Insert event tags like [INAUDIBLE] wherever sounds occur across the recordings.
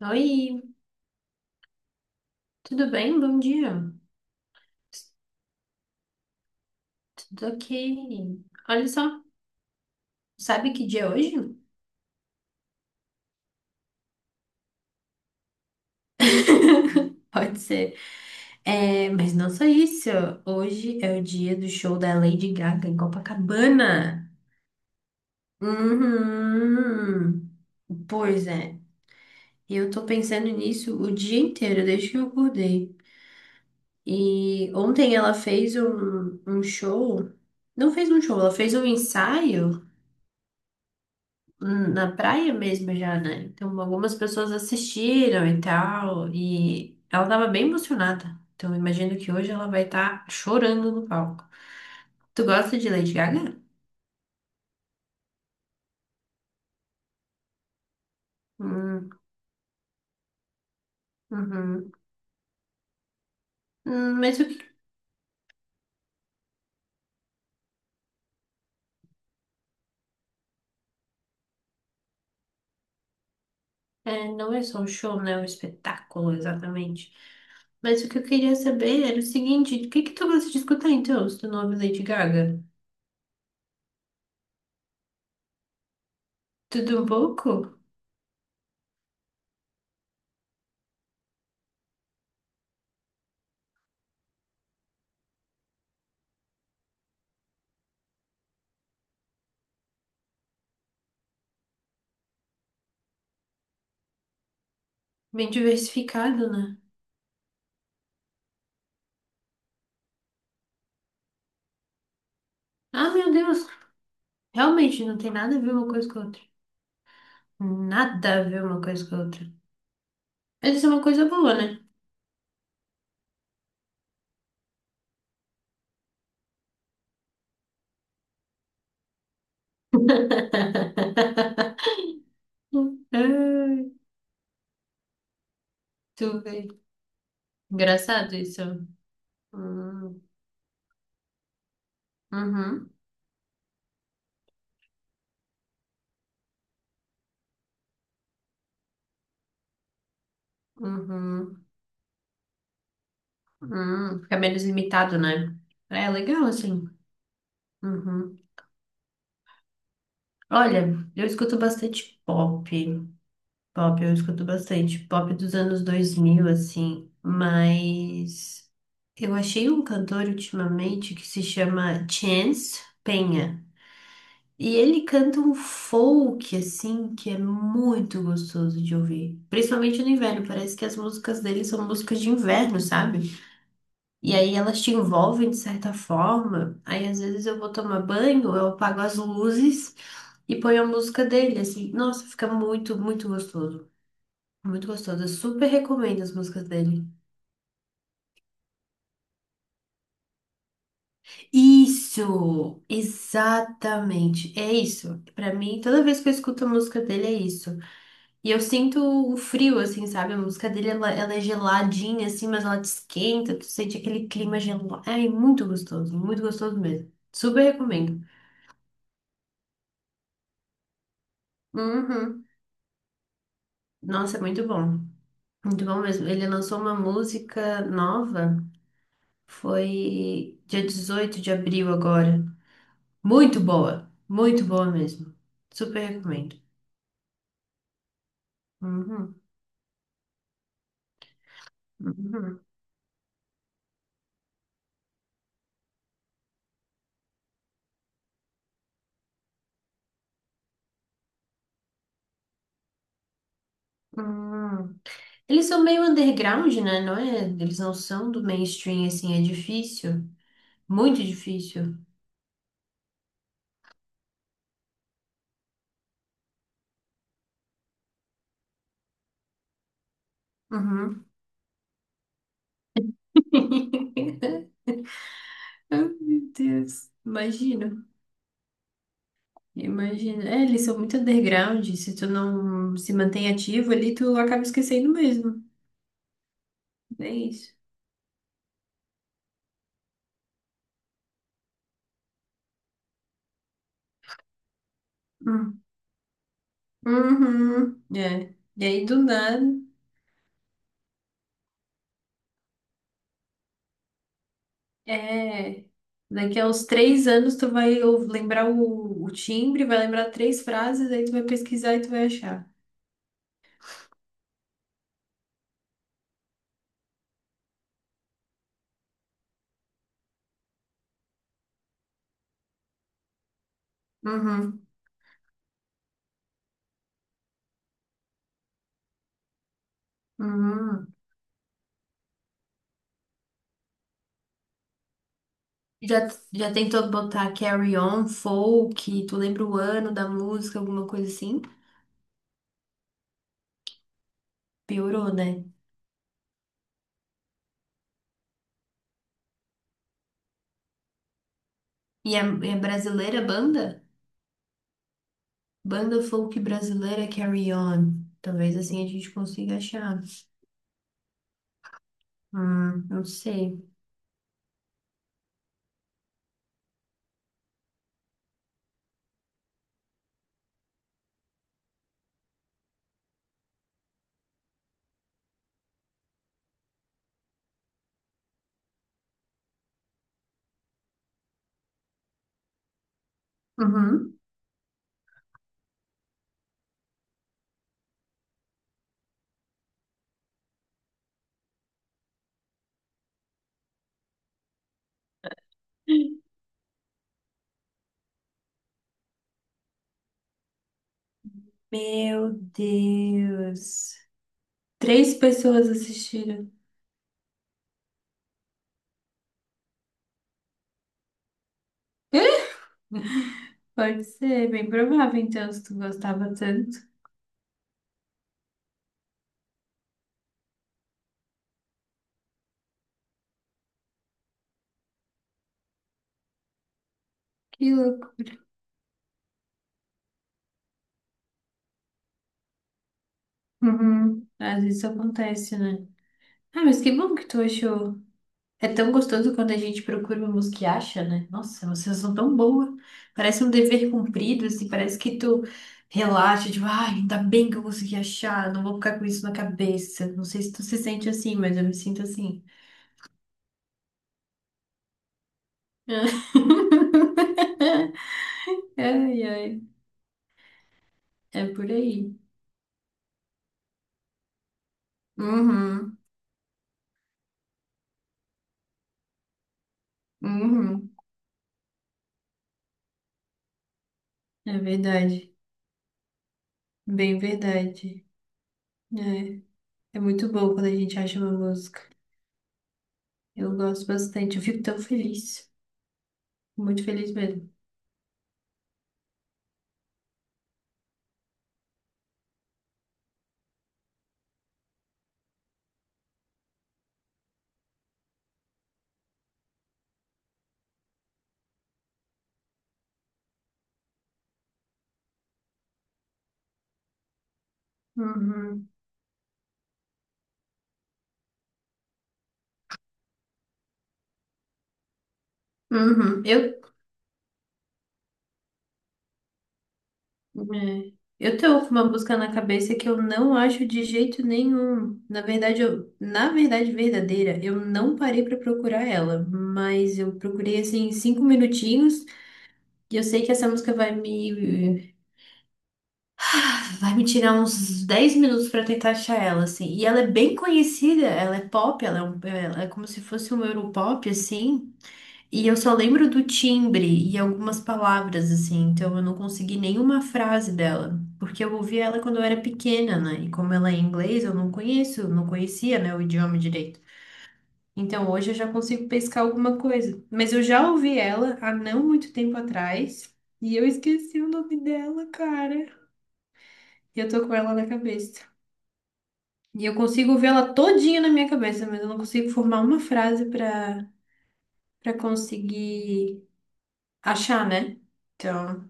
Oi, tudo bem? Bom dia. T- Tudo ok. Olha só, sabe que dia é hoje? [LAUGHS] Pode ser. É, mas não só isso. Hoje é o dia do show da Lady Gaga em Copacabana. Uhum. Pois é. Eu tô pensando nisso o dia inteiro, desde que eu acordei. E ontem ela fez um show. Não fez um show, ela fez um ensaio na praia mesmo já, né? Então algumas pessoas assistiram e tal, e ela tava bem emocionada. Então eu imagino que hoje ela vai estar chorando no palco. Tu gosta de Lady Gaga? Hum, uhum. Mas o que... é, não é só um show, né? É um espetáculo, exatamente. Mas o que eu queria saber era o seguinte, o que que tu gosta de escutar então, se tu não ouve Lady Gaga? Tudo um pouco? Bem diversificado, né? Ah, meu Deus! Realmente, não tem nada a ver uma coisa com a outra. Nada a ver uma coisa com a outra. Mas isso é uma coisa boa, né? [LAUGHS] Ai, tu vê. Engraçado isso. Hum, uhum, uhum, uhum. Fica menos limitado, né? É legal, assim. Uhum. Olha, eu escuto bastante pop. Pop, eu escuto bastante. Pop dos anos 2000 assim. Mas eu achei um cantor ultimamente que se chama Chance Penha. E ele canta um folk, assim, que é muito gostoso de ouvir. Principalmente no inverno, parece que as músicas dele são músicas de inverno, sabe? E aí elas te envolvem de certa forma. Aí às vezes eu vou tomar banho, eu apago as luzes e ponho a música dele, assim. Nossa, fica muito, muito gostoso. Muito gostoso. Eu super recomendo as músicas dele. Isso! Exatamente. É isso. Pra mim, toda vez que eu escuto a música dele, é isso. E eu sinto o frio, assim, sabe? A música dele, ela é geladinha, assim, mas ela te esquenta, tu sente aquele clima gelado. É muito gostoso mesmo. Super recomendo. Uhum. Nossa, é muito bom. Muito bom mesmo. Ele lançou uma música nova, foi dia 18 de abril agora. Muito boa mesmo. Super recomendo. Uhum. Uhum. Uhum. Eles são meio underground, né? Não é? Eles não são do mainstream, assim, é difícil. Muito difícil. Uhum. [LAUGHS] Ai, meu Deus. Imagino. Imagino. É, eles são muito underground. Se tu não se mantém ativo ali, tu acaba esquecendo mesmo. É isso. Hum. Uhum. É. E aí, do nada, é. Daqui a uns 3 anos, tu vai lembrar o timbre, vai lembrar três frases, aí tu vai pesquisar e tu vai achar. Uhum. Uhum. Já, já tentou botar Carry On, Folk, tu lembra o ano da música, alguma coisa assim? Piorou, né? E é, é brasileira a banda? Banda folk brasileira Carry On. Talvez assim a gente consiga achar. Não sei. Uhum. Meu Deus. Três pessoas assistiram. Pode ser, bem provável, então, se tu gostava tanto. Que louco. Uhum. Às vezes isso acontece, né? Ah, mas que bom que tu achou. É tão gostoso quando a gente procura uma música e acha, né? Nossa, vocês são tão boa. Parece um dever cumprido, assim, parece que tu relaxa, tipo, ai, ainda bem que eu consegui achar, não vou ficar com isso na cabeça. Não sei se tu se sente assim, mas eu me sinto assim. [LAUGHS] Ai, ai, é por aí. Uhum, uhum, é verdade, bem verdade. É, é muito bom quando a gente acha uma música. Eu gosto bastante, eu fico tão feliz, muito feliz mesmo. Uhum. Uhum. É, eu tô com uma música na cabeça que eu não acho de jeito nenhum. Na verdade, na verdade verdadeira, eu não parei pra procurar ela, mas eu procurei assim 5 minutinhos e eu sei que essa música vai me tirar uns 10 minutos pra tentar achar ela assim. E ela é bem conhecida, ela é pop, ela é como se fosse um Europop assim. E eu só lembro do timbre e algumas palavras, assim, então eu não consegui nenhuma frase dela, porque eu ouvi ela quando eu era pequena, né? E como ela é em inglês, eu não conheço, não conhecia, né, o idioma direito. Então hoje eu já consigo pescar alguma coisa. Mas eu já ouvi ela há não muito tempo atrás e eu esqueci o nome dela, cara. E eu tô com ela na cabeça. E eu consigo ver ela todinha na minha cabeça, mas eu não consigo formar uma frase pra conseguir achar, né? Então.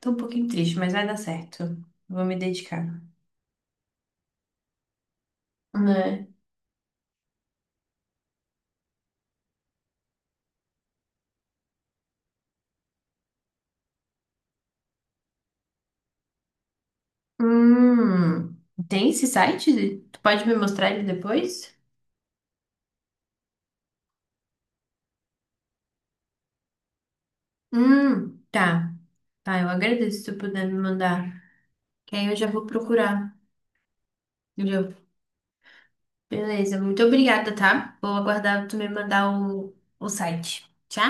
Tô um pouquinho triste, mas vai dar certo. Vou me dedicar. Né? Hum, tem esse site? Tu pode me mostrar ele depois? Tá. Tá, eu agradeço se tu puder me mandar. Que aí eu já vou procurar. Eu já- Beleza, muito obrigada, tá? Vou aguardar tu me mandar o site. Tchau!